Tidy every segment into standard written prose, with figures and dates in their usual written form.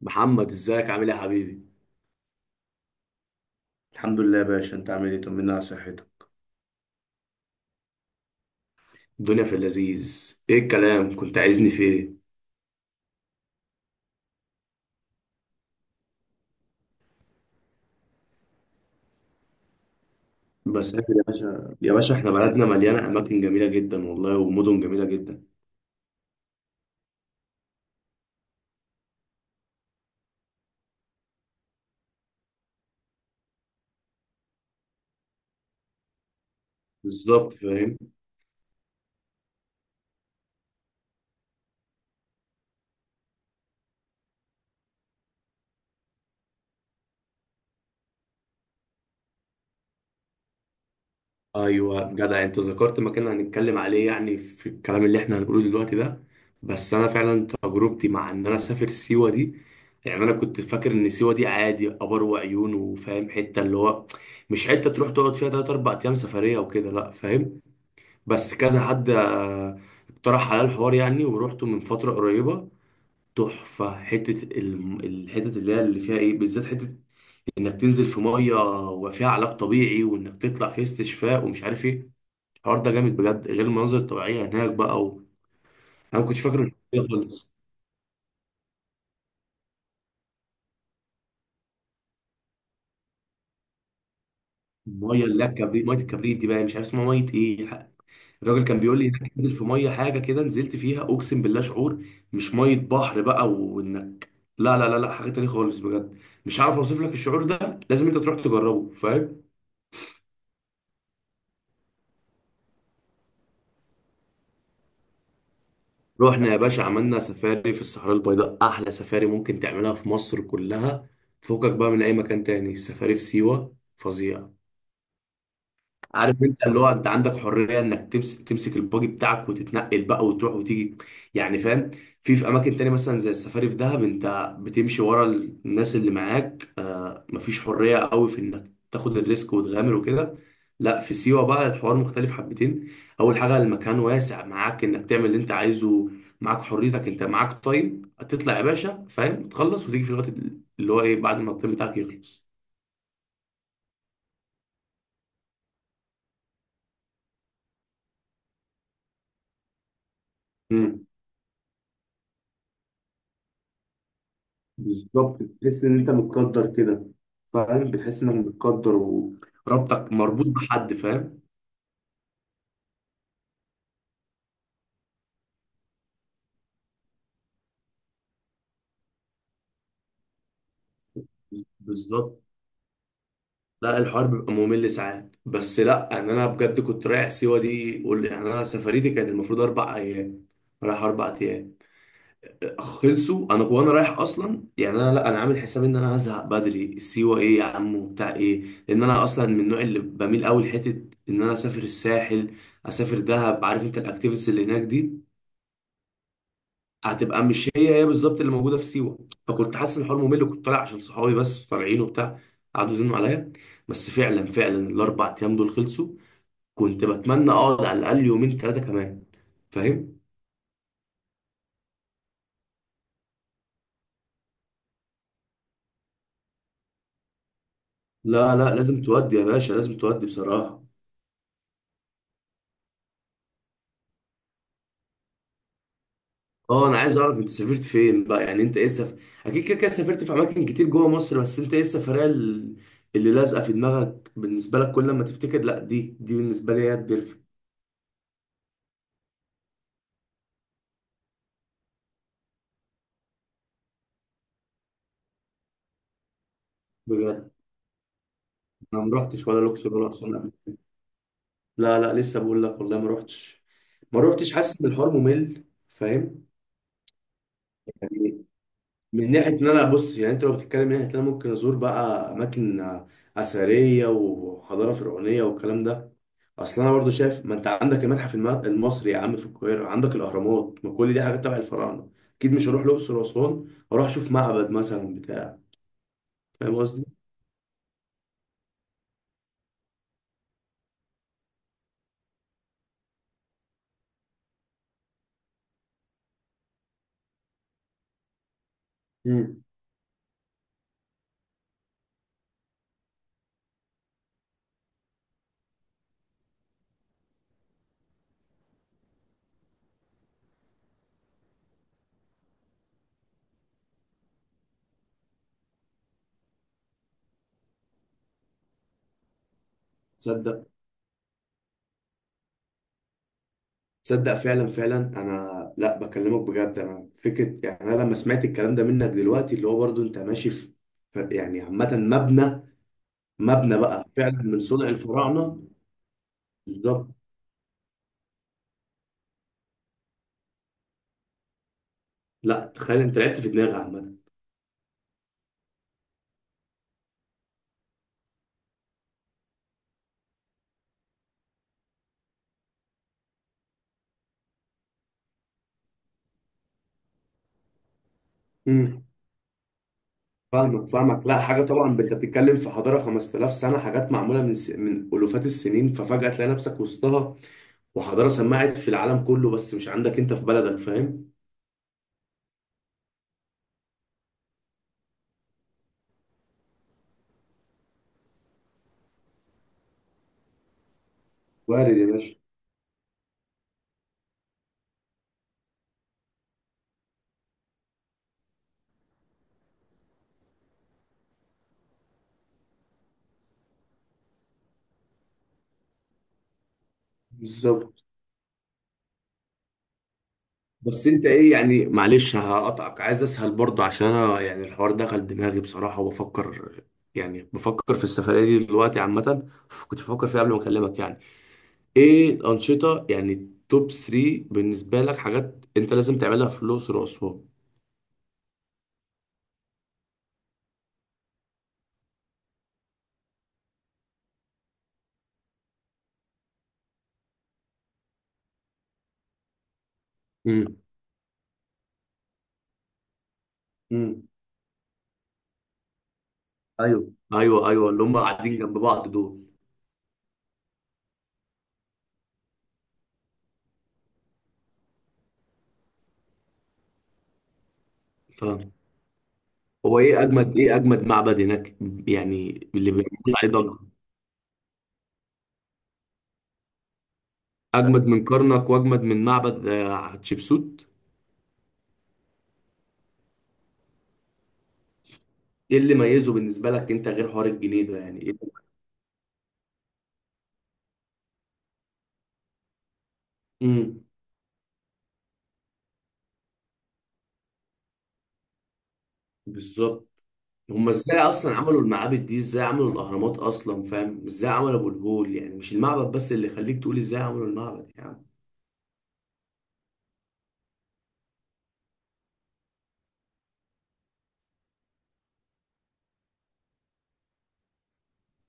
محمد، ازيك عامل ايه يا حبيبي؟ الحمد لله يا باشا. انت عامل ايه؟ طمنا على صحتك. الدنيا في اللذيذ. ايه الكلام، كنت عايزني في ايه؟ بسافر يا باشا احنا بلدنا مليانة أماكن جميلة جدا والله، ومدن جميلة جدا. بالظبط فاهم. ايوه جدع، انت ذكرت مكان هنتكلم عليه يعني في الكلام اللي احنا هنقوله دلوقتي ده. بس انا فعلا تجربتي مع ان انا اسافر سيوه دي، يعني انا كنت فاكر ان سيوه دي عادي، ابر وعيون وفاهم، حته اللي هو مش حته تروح تقعد فيها 3 4 ايام سفريه وكده، لا فاهم. بس كذا حد اقترح على الحوار يعني، ورحته من فترة قريبة. تحفة حتة الحتت اللي هي اللي فيها ايه بالذات، حتة انك تنزل في مية، وفيها علاج طبيعي وانك تطلع في استشفاء ومش عارف ايه. الحوار ده جامد بجد، غير المناظر الطبيعية هناك بقى. و... انا ما كنتش فاكر ان كده خالص. المية اللي هي الكبريت، مية الكبريت دي بقى مش عارف اسمها مية ايه. الراجل كان بيقول لي انك تنزل في ميه حاجه كده، نزلت فيها اقسم بالله، شعور مش ميه بحر بقى، وانك، لا لا لا لا، حاجه تانية خالص بجد. مش عارف اوصف لك الشعور ده، لازم انت تروح تجربه فاهم. رحنا يا باشا، عملنا سفاري في الصحراء البيضاء، احلى سفاري ممكن تعملها في مصر كلها. فوقك بقى من اي مكان تاني، السفاري في سيوه فظيع. عارف انت اللي هو انت عندك حريه انك تمسك الباجي بتاعك وتتنقل بقى وتروح وتيجي، يعني فاهم. في اماكن تانية مثلا زي السفاري في دهب، انت بتمشي ورا الناس اللي معاك، مفيش حريه قوي في انك تاخد الريسك وتغامر وكده. لا في سيوه بقى الحوار مختلف حبتين. اول حاجه المكان واسع، معاك انك تعمل اللي انت عايزه، معاك حريتك، انت معاك تايم تطلع يا باشا فاهم، تخلص وتيجي في الوقت اللي هو ايه بعد ما التايم بتاعك يخلص. بالظبط، بتحس ان انت متقدر كده فاهم، بتحس انك متقدر، وربطك مربوط بحد فاهم. بالظبط. لا الحوار بيبقى ممل ساعات، بس لا، ان انا بجد كنت رايح سيوه دي قول يعني، انا سفريتي كانت المفروض اربع ايام، رايح اربع ايام، خلصوا انا وانا رايح اصلا. يعني انا، لا انا عامل حساب ان انا هزهق بدري، سيوه ايه يا عم وبتاع ايه، لان انا اصلا من النوع اللي بميل قوي لحته ان انا اسافر الساحل، اسافر دهب. عارف انت الاكتيفيتيز اللي هناك دي هتبقى مش هي هي بالظبط اللي موجوده في سيوه. فكنت حاسس ان الحوار ممل، وكنت طالع عشان صحابي بس طالعين وبتاع، قعدوا يزنوا عليا. بس فعلا فعلا الاربع ايام دول خلصوا، كنت بتمنى اقعد على الاقل يومين ثلاثه كمان فاهم. لا لا، لازم تودي يا باشا، لازم تودي بصراحه. اه، انا عايز اعرف انت سافرت فين بقى، يعني انت ايه سف... اكيد كده كده سافرت في اماكن كتير جوه مصر، بس انت ايه السفريه اللي لازقه في دماغك، بالنسبه لك كل ما تفتكر، لا دي دي بالنسبه لي هي البرفكت. بجد، انا ما رحتش ولا لوكسور ولا اسوان. لا لا، لسه بقول لك والله ما روحتش. ما روحتش، حاسس ان الحوار ممل فاهم. يعني من ناحيه ان انا بص، يعني انت لو بتتكلم من ناحيه ان انا ممكن ازور بقى اماكن اثريه وحضاره فرعونيه والكلام ده، اصل انا برضو شايف ما انت عندك المتحف المصري يا عم في القاهره، عندك الاهرامات، ما كل دي حاجات تبع الفراعنه. اكيد مش هروح الاقصر واسوان واروح اشوف معبد مثلا بتاع. فاهم قصدي. مم. تصدق تصدق فعلا فعلا انا، لا بكلمك بجد. انا فكره يعني، انا لما سمعت الكلام ده منك دلوقتي اللي هو برضو انت ماشي في يعني عامه مبنى، مبنى بقى فعلا من صنع الفراعنه. بالظبط. لا تخيل، انت لعبت في دماغي عامه. امم فاهمك فاهمك، لا حاجه طبعا، انت بتتكلم في حضاره 5000 سنه، حاجات معموله من س... من الوفات السنين، ففجاه تلاقي نفسك وسطها، وحضاره سمعت في العالم كله بس مش عندك انت في بلدك فاهم. وارد يا باشا. بالظبط. بس انت ايه يعني، معلش هقطعك عايز اسهل برضه، عشان انا يعني الحوار دخل دماغي بصراحة وبفكر، يعني بفكر في السفرية دي دلوقتي عامة، كنت بفكر فيها قبل ما اكلمك. يعني ايه الأنشطة، يعني توب 3 بالنسبة لك، حاجات انت لازم تعملها في الأقصر وأسوان. امم امم ايوه ايوه ايوه، اللي هم قاعدين جنب بعض دول فاهم. هو ايه اجمد، ايه اجمد معبد هناك يعني اللي بيعملوا عليه ضجة؟ اجمد من كرنك واجمد من معبد حتشبسوت؟ ايه اللي ميزه بالنسبه لك انت غير حوار الجنيه ده، يعني ايه؟ امم بالظبط. هم ازاي اصلا عملوا المعابد دي، ازاي عملوا الاهرامات اصلا فاهم، ازاي عملوا ابو الهول، يعني مش المعبد بس اللي يخليك تقول ازاي عملوا المعبد يعني.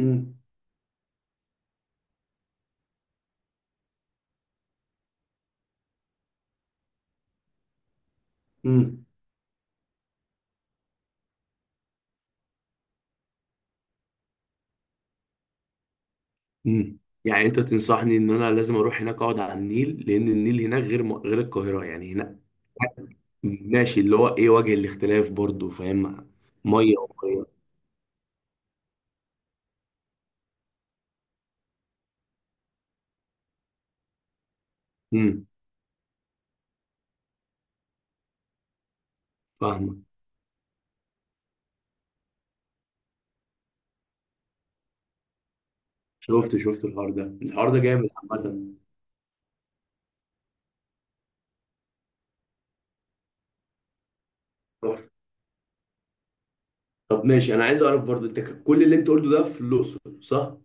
امم امم امم يعني انت تنصحني ان انا لازم اروح هناك اقعد على النيل، لان النيل هناك غير م... غير القاهره يعني هناك. ماشي، اللي هو ايه وجه الاختلاف برضو فاهم؟ ميه وميه. امم فاهمه. شفت شفت، الحوار ده، الحوار ده جامد. عامه طب ماشي، انا عايز اعرف برضو انت كل اللي انت قلته ده في الاقصر صح؟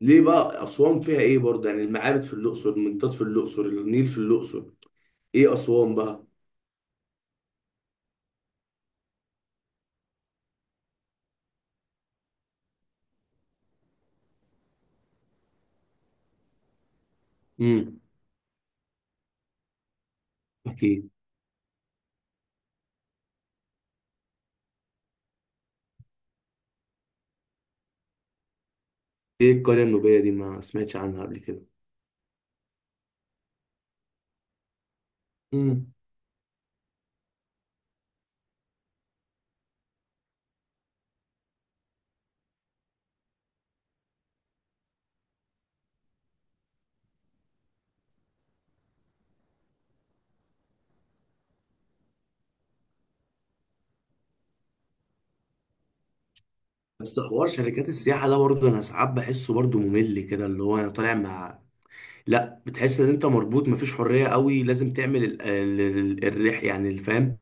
ليه بقى اسوان فيها ايه برضو؟ يعني المعابد في الاقصر، المنطاد في الاقصر، النيل في الاقصر، ايه اسوان بقى؟ امم اكيد. ايه القريه النوبيه دي، ما سمعتش عنها قبل كده. امم بس حوار شركات السياحه ده برضه انا ساعات بحسه برضه ممل كده، اللي هو انا طالع مع، لا بتحس ان انت مربوط، مفيش حريه قوي، لازم تعمل الرح يعني الفهم،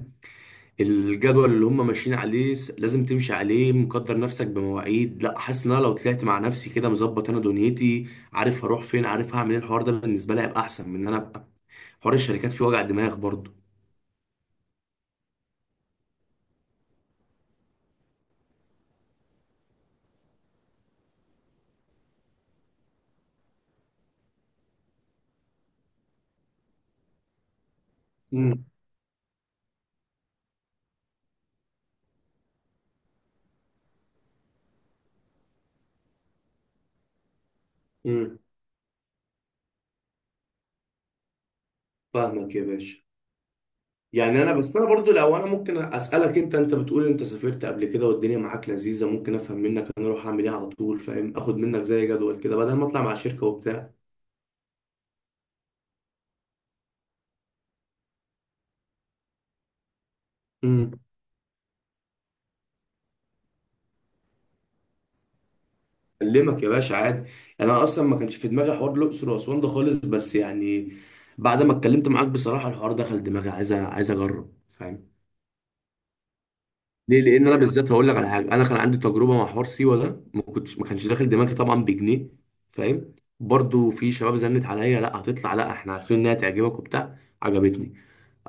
الجدول اللي هم ماشيين عليه لازم تمشي عليه، مقدر نفسك بمواعيد. لا حاسس ان انا لو طلعت مع نفسي كده مظبط انا دنيتي، عارف هروح فين عارف هعمل ايه، الحوار ده بالنسبه لي هيبقى احسن من ان انا ابقى حوار الشركات فيه وجع دماغ برضه. امم امم فاهمك يا باشا. يعني انا بس انا برضو لو انا ممكن اسالك، انت بتقول انت سافرت قبل كده والدنيا معاك لذيذه، ممكن افهم منك انا اروح اعمل ايه على طول فاهم، اخد منك زي جدول كده بدل ما اطلع مع شركه وبتاع. اكلمك يا باشا عادي. يعني انا اصلا ما كانش في دماغي حوار الاقصر واسوان ده خالص، بس يعني بعد ما اتكلمت معاك بصراحه الحوار دخل دماغي، عايز عايز اجرب فاهم. ليه، لان انا بالذات هقول لك على حاجه، انا كان عندي تجربه مع حوار سيوه ده، ما كانش داخل دماغي طبعا بجنيه فاهم. برضو في شباب زنت عليا، لا هتطلع، لا احنا عارفين انها تعجبك وبتاع عجبتني.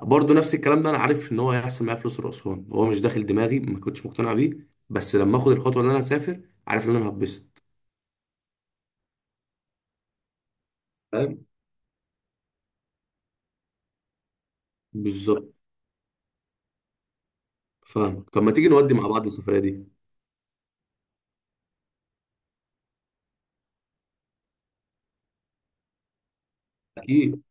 برضو نفس الكلام ده انا عارف ان هو هيحصل معايا في الاقصر واسوان، هو مش داخل دماغي ما كنتش مقتنع بيه، بس لما اخد الخطوه ان انا اسافر عارف ان انا هتبسط فاهم. بالظبط، فاهمك. طب ما تيجي نودي مع بعض السفرية دي؟ اكيد.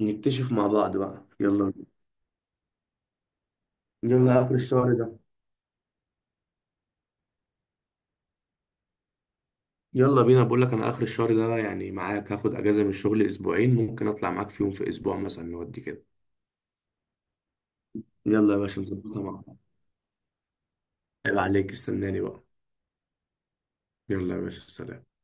نكتشف مع بعض بقى، يلا بينا. يلا اخر الشهر ده. يلا بينا، بقول لك انا اخر الشهر ده يعني، معاك هاخد اجازة من الشغل اسبوعين ممكن اطلع معاك فيهم في اسبوع مثلا، نودي كده. يلا يا باشا عشان نظبطها مع بعض. عيب عليك، استناني بقى. يلا يا باشا، سلام.